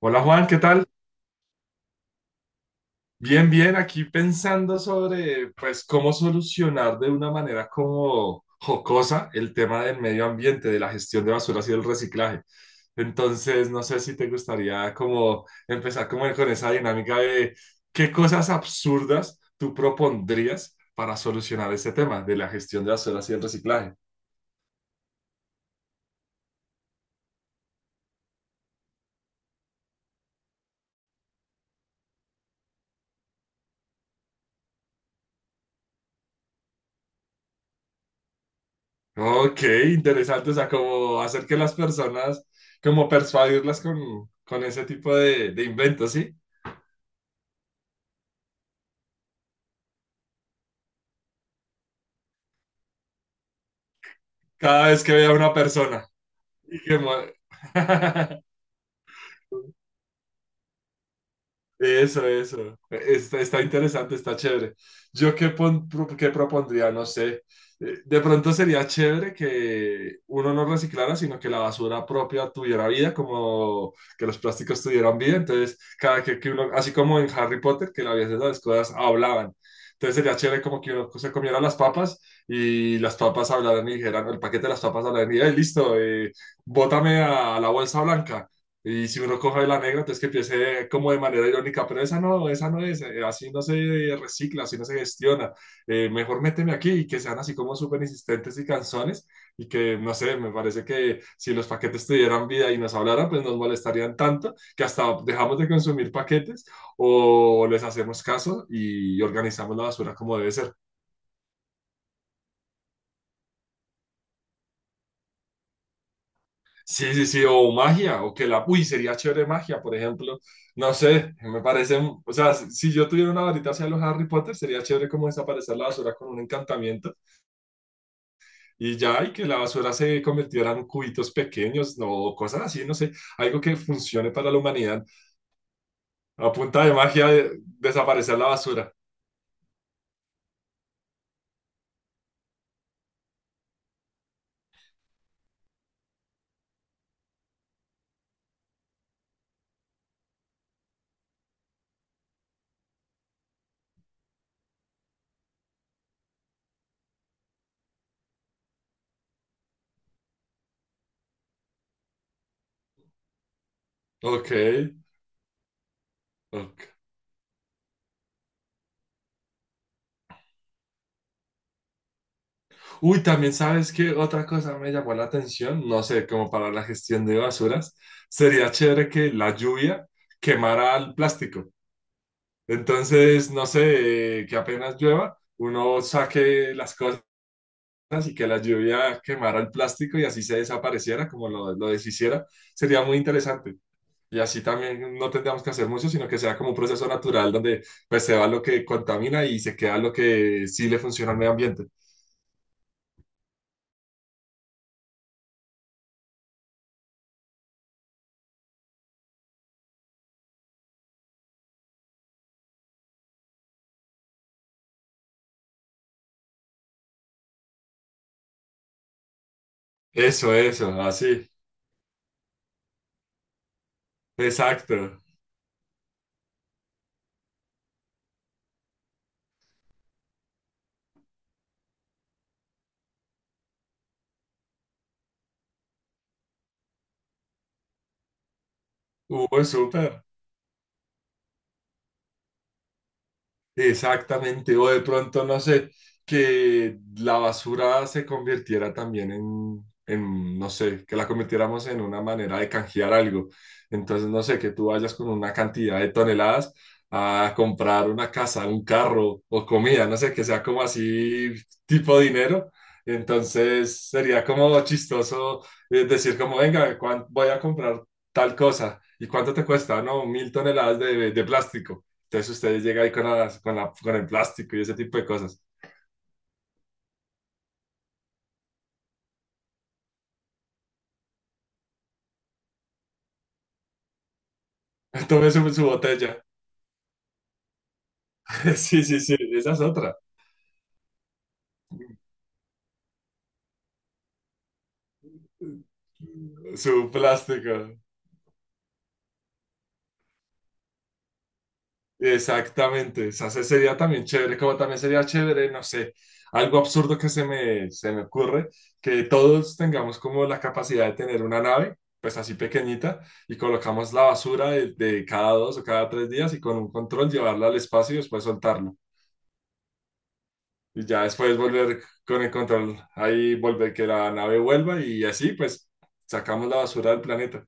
Hola Juan, ¿qué tal? Bien, bien, aquí pensando sobre pues cómo solucionar de una manera como jocosa el tema del medio ambiente, de la gestión de basuras y del reciclaje. Entonces, no sé si te gustaría como empezar como con esa dinámica de qué cosas absurdas tú propondrías para solucionar ese tema de la gestión de basuras y el reciclaje. Ok, interesante, o sea, como hacer que las personas, como persuadirlas con ese tipo de inventos, ¿sí? Cada vez que veía a una persona. Y que, madre. Eso, eso. Está, está interesante, está chévere. Yo qué, qué propondría, no sé. De pronto sería chévere que uno no reciclara, sino que la basura propia tuviera vida, como que los plásticos tuvieran vida. Entonces, cada que uno, así como en Harry Potter, que a veces las cosas hablaban. Entonces sería chévere como que uno se comiera las papas y las papas hablaran y dijeran, el paquete de las papas hablaran y, listo, bótame a la bolsa blanca. Y si uno coge la negra, entonces que empiece como de manera irónica, pero esa no es, así no se recicla, así no se gestiona, mejor méteme aquí y que sean así como súper insistentes y canzones y que, no sé, me parece que si los paquetes tuvieran vida y nos hablaran, pues nos molestarían tanto que hasta dejamos de consumir paquetes o les hacemos caso y organizamos la basura como debe ser. Sí, sí, sí, o magia, o que la... Uy, sería chévere magia, por ejemplo. No sé, me parecen... O sea, si yo tuviera una varita hacia los Harry Potter, sería chévere como desaparecer la basura con un encantamiento y ya, y que la basura se convirtiera en cubitos pequeños, no, o cosas así, no sé, algo que funcione para la humanidad. A punta de magia, desaparecer la basura. Ok, ok. Uy, también sabes que otra cosa me llamó la atención, no sé, como para la gestión de basuras, sería chévere que la lluvia quemara el plástico. Entonces, no sé, que apenas llueva, uno saque las cosas y que la lluvia quemara el plástico y así se desapareciera, como lo deshiciera, sería muy interesante. Y así también no tendríamos que hacer mucho, sino que sea como un proceso natural donde pues se va lo que contamina y se queda lo que sí le funciona al medio ambiente. Eso, así. Exacto. Uy, súper. Exactamente, o de pronto, no sé, que la basura se convirtiera también no sé, que la convirtiéramos en una manera de canjear algo. Entonces, no sé, que tú vayas con una cantidad de toneladas a comprar una casa, un carro o comida, no sé, que sea como así tipo dinero. Entonces, sería como chistoso decir como, venga, ¿cuán- voy a comprar tal cosa. ¿Y cuánto te cuesta? No, 1.000 toneladas de plástico. Entonces ustedes llegan ahí con, las- con, la, con el plástico y ese tipo de cosas. Tome su, su botella. Sí, sí, sí, esa es otra. Su plástico. Exactamente. O sea, ese sería también chévere, como también sería chévere, no sé, algo absurdo que se me ocurre, que todos tengamos como la capacidad de tener una nave, pues así pequeñita, y colocamos la basura de cada 2 o cada 3 días y con un control llevarla al espacio y después soltarla. Y ya después volver con el control, ahí volver que la nave vuelva y así pues sacamos la basura del planeta.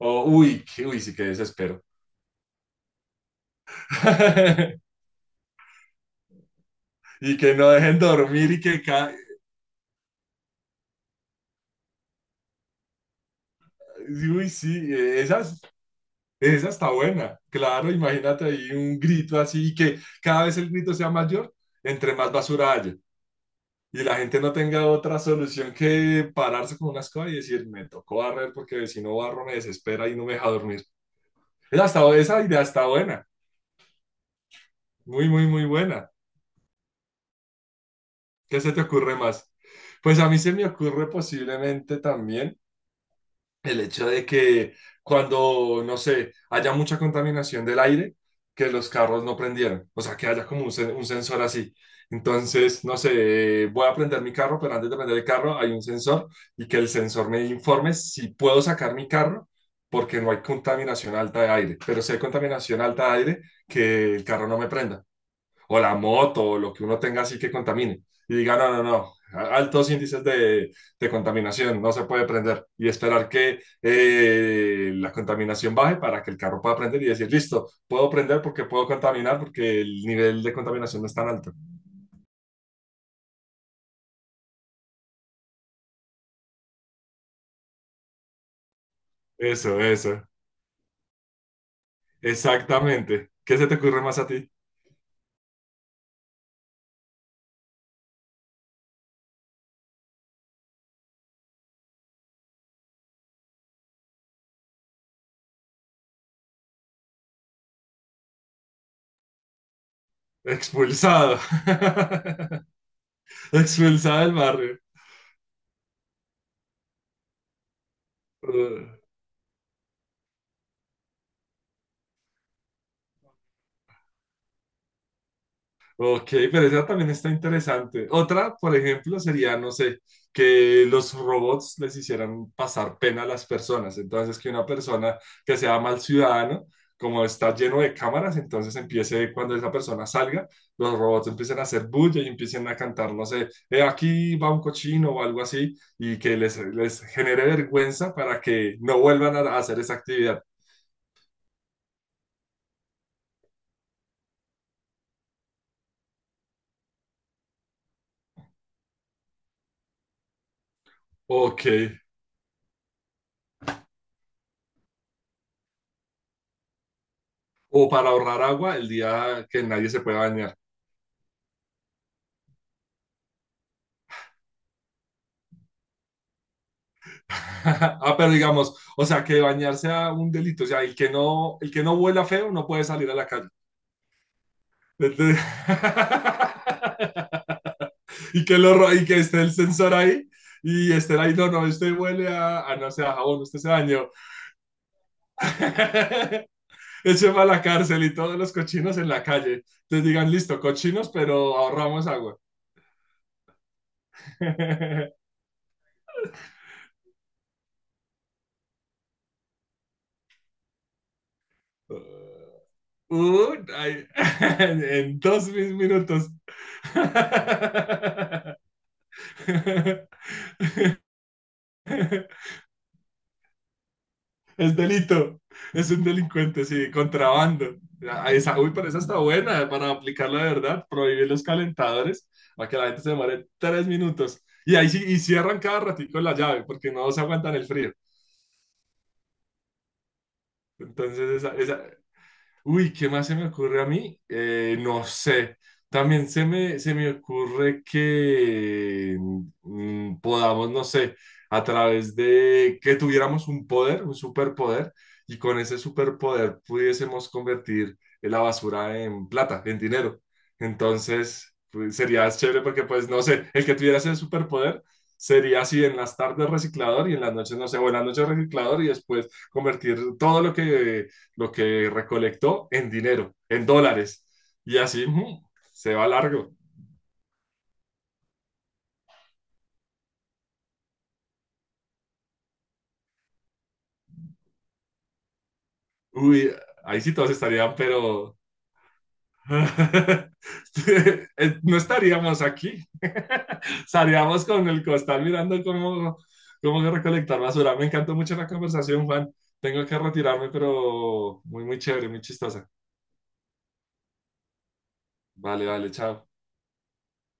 Oh uy, que, uy, sí que desespero. Y que no dejen dormir y que... Uy, sí, esa está buena. Claro, imagínate ahí un grito así y que cada vez el grito sea mayor, entre más basura haya. Y la gente no tenga otra solución que pararse con una escoba y decir, me tocó barrer porque si no barro me desespera y no me deja dormir. Esa, esa idea está buena. Muy, muy, muy buena. ¿Qué se te ocurre más? Pues a mí se me ocurre posiblemente también el hecho de que cuando, no sé, haya mucha contaminación del aire, que los carros no prendieran. O sea, que haya como un sensor así. Entonces, no sé, voy a prender mi carro, pero antes de prender el carro hay un sensor y que el sensor me informe si puedo sacar mi carro porque no hay contaminación alta de aire. Pero si hay contaminación alta de aire, que el carro no me prenda. O la moto, o lo que uno tenga así que contamine. Y diga, no, no, no, altos índices de contaminación, no se puede prender. Y esperar que la contaminación baje para que el carro pueda prender y decir, listo, puedo prender porque puedo contaminar, porque el nivel de contaminación no es tan alto. Eso, exactamente. ¿Qué se te ocurre más a ti? Expulsado. Expulsado del barrio. Ok, pero esa también está interesante. Otra, por ejemplo, sería, no sé, que los robots les hicieran pasar pena a las personas. Entonces, que una persona que sea mal ciudadano, como está lleno de cámaras, entonces empiece cuando esa persona salga, los robots empiecen a hacer bulla y empiecen a cantar, no sé, aquí va un cochino o algo así, y que les genere vergüenza para que no vuelvan a hacer esa actividad. Ok. O para ahorrar agua el día que nadie se pueda bañar. Ah, pero digamos, o sea, que bañarse sea un delito, o sea, el que no huela feo no puede salir a la calle. Entonces... Y que y que esté el sensor ahí y esté ahí, no, no, este huele a no sé, a jabón, usted se bañó. Eche para la cárcel y todos los cochinos en la calle. Entonces digan, listo, cochinos, pero ahorramos agua. Ay, en 2 mis minutos. Es delito, es un delincuente, sí, contrabando. Ah, esa, uy, pero esa está buena para aplicarla de verdad, prohibir los calentadores para que la gente se demore 3 minutos. Y ahí sí, y cierran cada ratico la llave porque no se aguantan el frío. Entonces, esa, uy, ¿qué más se me ocurre a mí? No sé. También se me ocurre que podamos, no sé, a través de que tuviéramos un poder, un superpoder, y con ese superpoder pudiésemos convertir la basura en plata, en dinero. Entonces, pues, sería chévere porque, pues, no sé, el que tuviera ese superpoder sería así en las tardes reciclador y en las noches, no sé, buenas noches reciclador y después convertir todo lo que recolectó en dinero, en dólares. Y así se va largo. Uy, ahí sí todos estarían, pero no estaríamos aquí. Estaríamos con el costal mirando cómo, cómo recolectar basura. Me encantó mucho la conversación, Juan. Tengo que retirarme, pero muy, muy chévere, muy chistosa. Vale, vale, chao.